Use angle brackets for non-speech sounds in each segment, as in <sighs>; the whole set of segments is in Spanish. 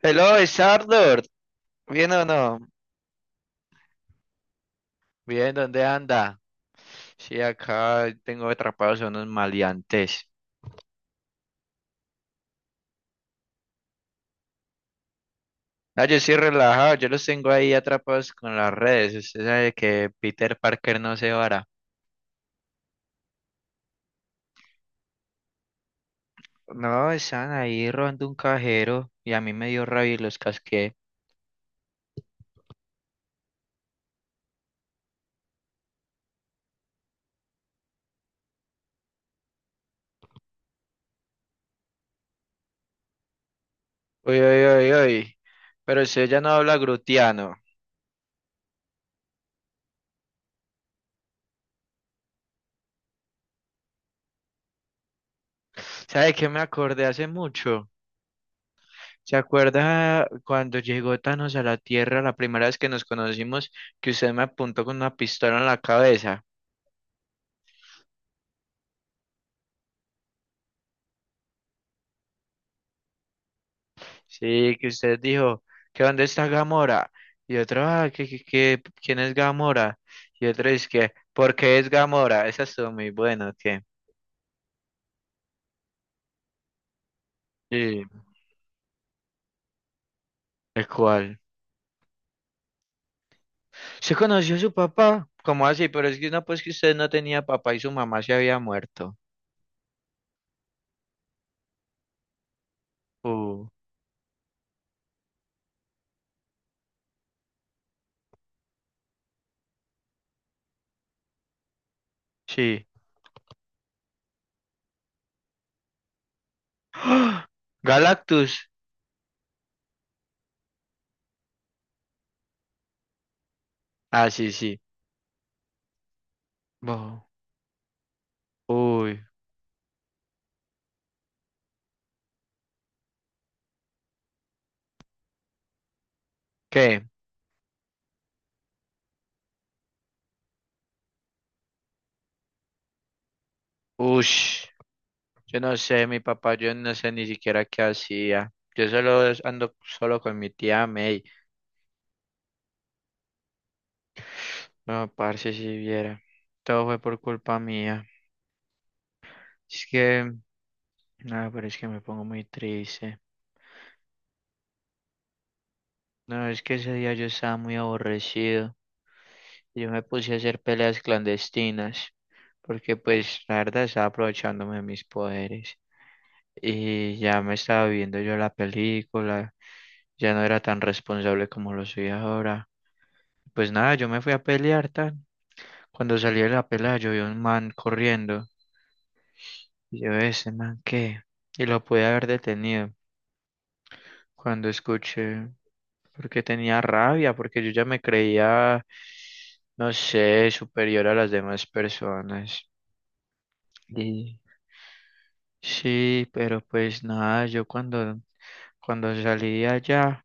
Hello, Sardor. ¿Bien o no? Bien, ¿dónde anda? Sí, acá tengo atrapados a unos maleantes. Ah, yo estoy relajado, yo los tengo ahí atrapados con las redes. Usted sabe que Peter Parker no se vara. No, están ahí robando un cajero y a mí me dio rabia y los casqué. Uy, uy, uy, uy. Pero usted ya no habla grutiano. ¿Sabe qué me acordé hace mucho? ¿Se acuerda cuando llegó Thanos a la Tierra la primera vez que nos conocimos, que usted me apuntó con una pistola en la cabeza? Sí, que usted dijo, ¿que dónde está Gamora? Y otro, ah, ¿quién es Gamora? Y otro es que, ¿por qué es Gamora? Esa estuvo muy buena, ¿qué? Sí, el cual. ¿Se conoció a su papá? ¿Cómo así? Pero es que no, pues que usted no tenía papá y su mamá se había muerto. Uh, sí. <gasps> ¡Ah! Galactus. Ah, sí, sí. Bo- uy. ¿Qué? Ush, yo no sé, mi papá, yo no sé ni siquiera qué hacía. Yo solo ando solo con mi tía May. No, parce, si viera. Todo fue por culpa mía. Es que, no, pero es que me pongo muy triste. No, es que ese día yo estaba muy aborrecido. Yo me puse a hacer peleas clandestinas. Porque, pues, la verdad, estaba aprovechándome de mis poderes. Y ya me estaba viendo yo la película. Ya no era tan responsable como lo soy ahora. Pues nada, yo me fui a pelear tan. Cuando salí de la pelea, yo vi un man corriendo. Y yo, ese man, ¿qué? Y lo pude haber detenido. Cuando escuché, porque tenía rabia, porque yo ya me creía, no sé, superior a las demás personas. Y sí, pero pues nada, cuando salí de allá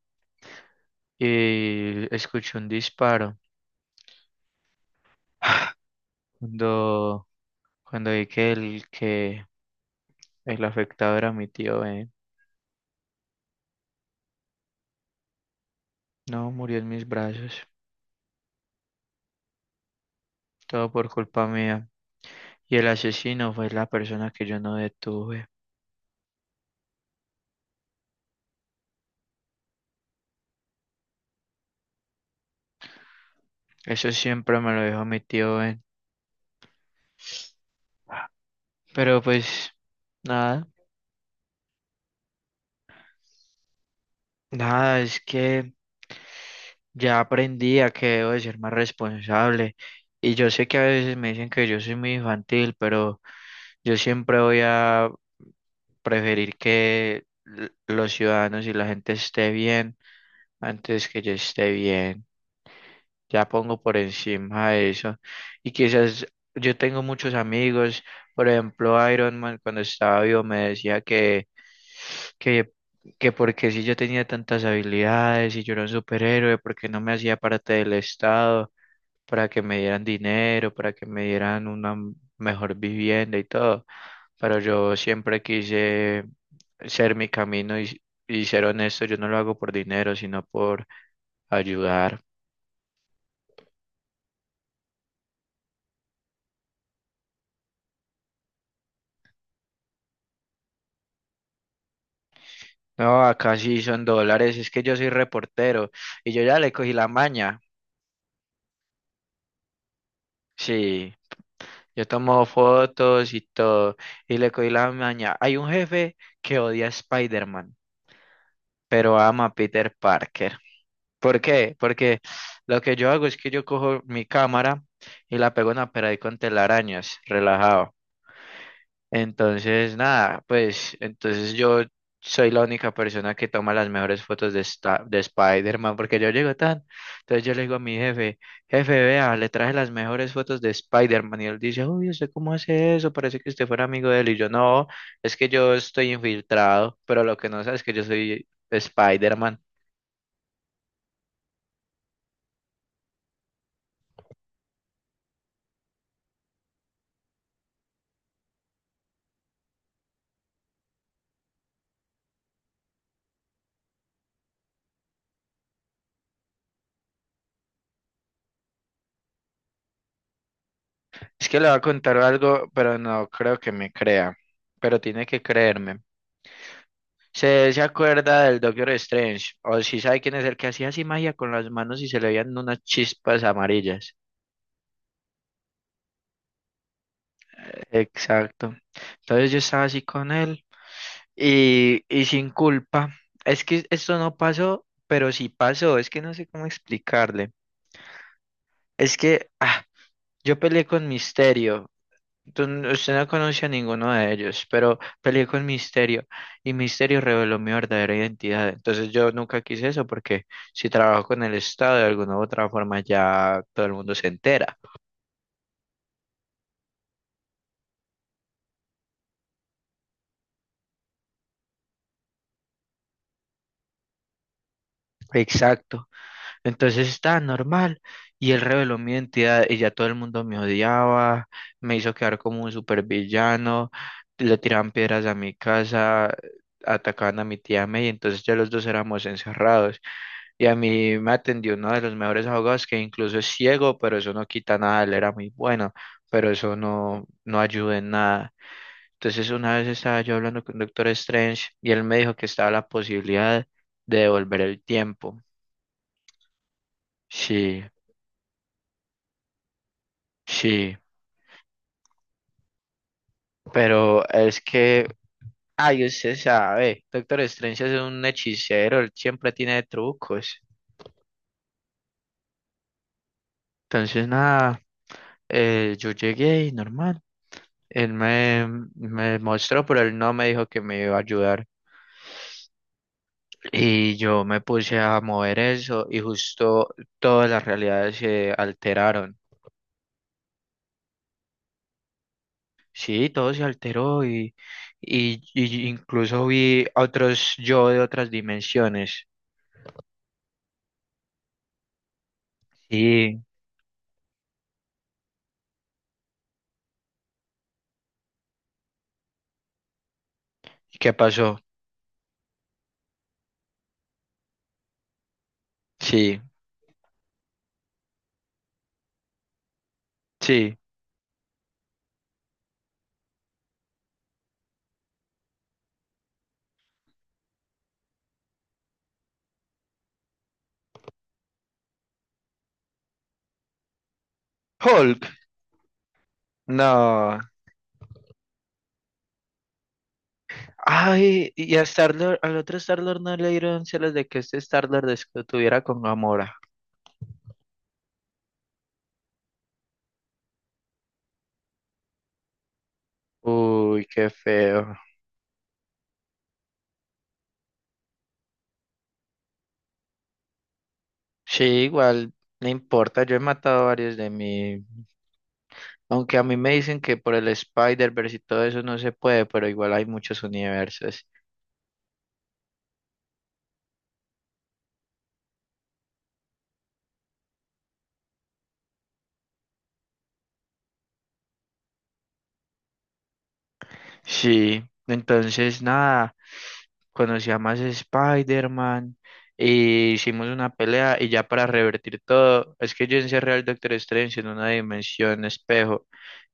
y escuché un disparo. <sighs> Cuando, cuando vi que el afectado era mi tío Ben. No, murió en mis brazos. Todo por culpa mía. Y el asesino fue la persona que yo no detuve. Eso siempre me lo dijo mi tío Ben. Pero pues, nada. Nada, es que ya aprendí a que debo de ser más responsable. Y yo sé que a veces me dicen que yo soy muy infantil, pero yo siempre voy a preferir que los ciudadanos y la gente esté bien antes que yo esté bien. Ya pongo por encima de eso. Y quizás yo tengo muchos amigos, por ejemplo, Iron Man cuando estaba vivo me decía que, que porque si yo tenía tantas habilidades y yo era un superhéroe, porque no me hacía parte del Estado, para que me dieran dinero, para que me dieran una mejor vivienda y todo. Pero yo siempre quise ser mi camino y ser honesto, yo no lo hago por dinero, sino por ayudar. No, acá sí son dólares, es que yo soy reportero y yo ya le cogí la maña. Sí, yo tomo fotos y todo y le cogí la maña. Hay un jefe que odia a Spider-Man, pero ama a Peter Parker. ¿Por qué? Porque lo que yo hago es que yo cojo mi cámara y la pego en una pared con telarañas, relajado. Entonces, nada, pues entonces yo soy la única persona que toma las mejores fotos de, de Spider-Man porque yo llego tan. Entonces yo le digo a mi jefe, jefe, vea, le traje las mejores fotos de Spider-Man y él dice, uy, ¿usted cómo hace eso? Parece que usted fuera amigo de él y yo no, es que yo estoy infiltrado, pero lo que no sabe es que yo soy Spider-Man. Es que le voy a contar algo, pero no creo que me crea, pero tiene que creerme. ¿Se acuerda del Doctor Strange? O si sabe quién es el que hacía así magia con las manos y se le veían unas chispas amarillas. Exacto. Entonces yo estaba así con él y sin culpa. Es que esto no pasó, pero sí pasó. Es que no sé cómo explicarle. Es que ah, yo peleé con Misterio. Usted no conoce a ninguno de ellos, pero peleé con Misterio y Misterio reveló mi verdadera identidad. Entonces yo nunca quise eso porque si trabajo con el Estado de alguna u otra forma ya todo el mundo se entera. Exacto. Entonces estaba normal y él reveló mi identidad y ya todo el mundo me odiaba, me hizo quedar como un supervillano, le tiraban piedras a mi casa, atacaban a mi tía May, entonces ya los dos éramos encerrados. Y a mí me atendió uno de los mejores abogados que incluso es ciego, pero eso no quita nada, él era muy bueno, pero eso no, no ayuda en nada. Entonces una vez estaba yo hablando con Doctor Strange y él me dijo que estaba la posibilidad de devolver el tiempo. Sí. Sí, pero es que, ay, usted sabe, Doctor Strange es un hechicero, él siempre tiene trucos. Entonces, nada, yo llegué y normal. Él me, me mostró, pero él no me dijo que me iba a ayudar. Y yo me puse a mover eso y justo todas las realidades se alteraron. Sí, todo se alteró y incluso vi a otros yo de otras dimensiones. ¿Y qué pasó? Sí, sí. Hulk, no. Ay, y a Star-Lord, al otro Star-Lord no le dieron celos de que este Star-Lord estuviera con Gamora. Uy, qué feo. Sí, igual, no importa, yo he matado varios de mí. Aunque a mí me dicen que por el Spider-Verse y todo eso no se puede, pero igual hay muchos universos. Sí, entonces nada, conocí a más Spider-Man, e hicimos una pelea y ya para revertir todo, es que yo encerré al Doctor Strange en una dimensión espejo,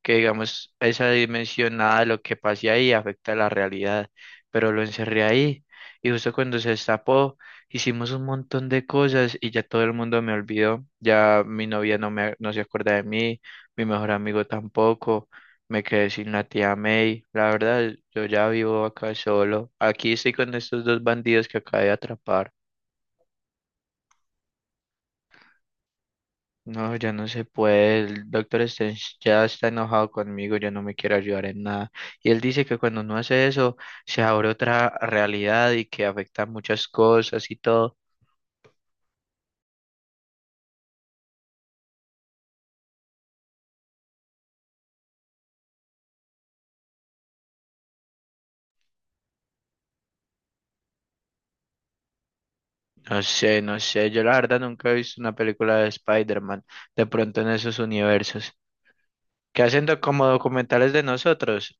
que digamos, esa dimensión, nada de lo que pase ahí afecta a la realidad, pero lo encerré ahí y justo cuando se destapó, hicimos un montón de cosas y ya todo el mundo me olvidó, ya mi novia no me, no se acuerda de mí, mi mejor amigo tampoco. Me quedé sin la tía May. La verdad, yo ya vivo acá solo. Aquí estoy con estos dos bandidos que acabé de atrapar. No, ya no se puede. El doctor Strange ya está enojado conmigo, ya no me quiere ayudar en nada. Y él dice que cuando uno hace eso, se abre otra realidad y que afecta muchas cosas y todo. No sé, no sé. Yo la verdad nunca he visto una película de Spider-Man de pronto en esos universos. Qué hacen como documentales de nosotros.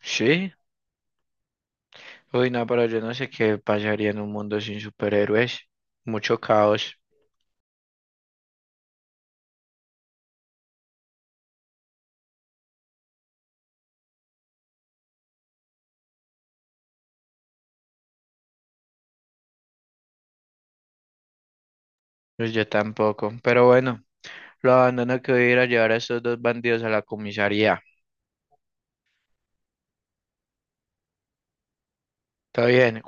Sí. Uy, no, pero yo no sé qué pasaría en un mundo sin superhéroes. Mucho caos. Pues yo tampoco. Pero bueno, lo abandono que voy a ir a llevar a estos dos bandidos a la comisaría. Está bien.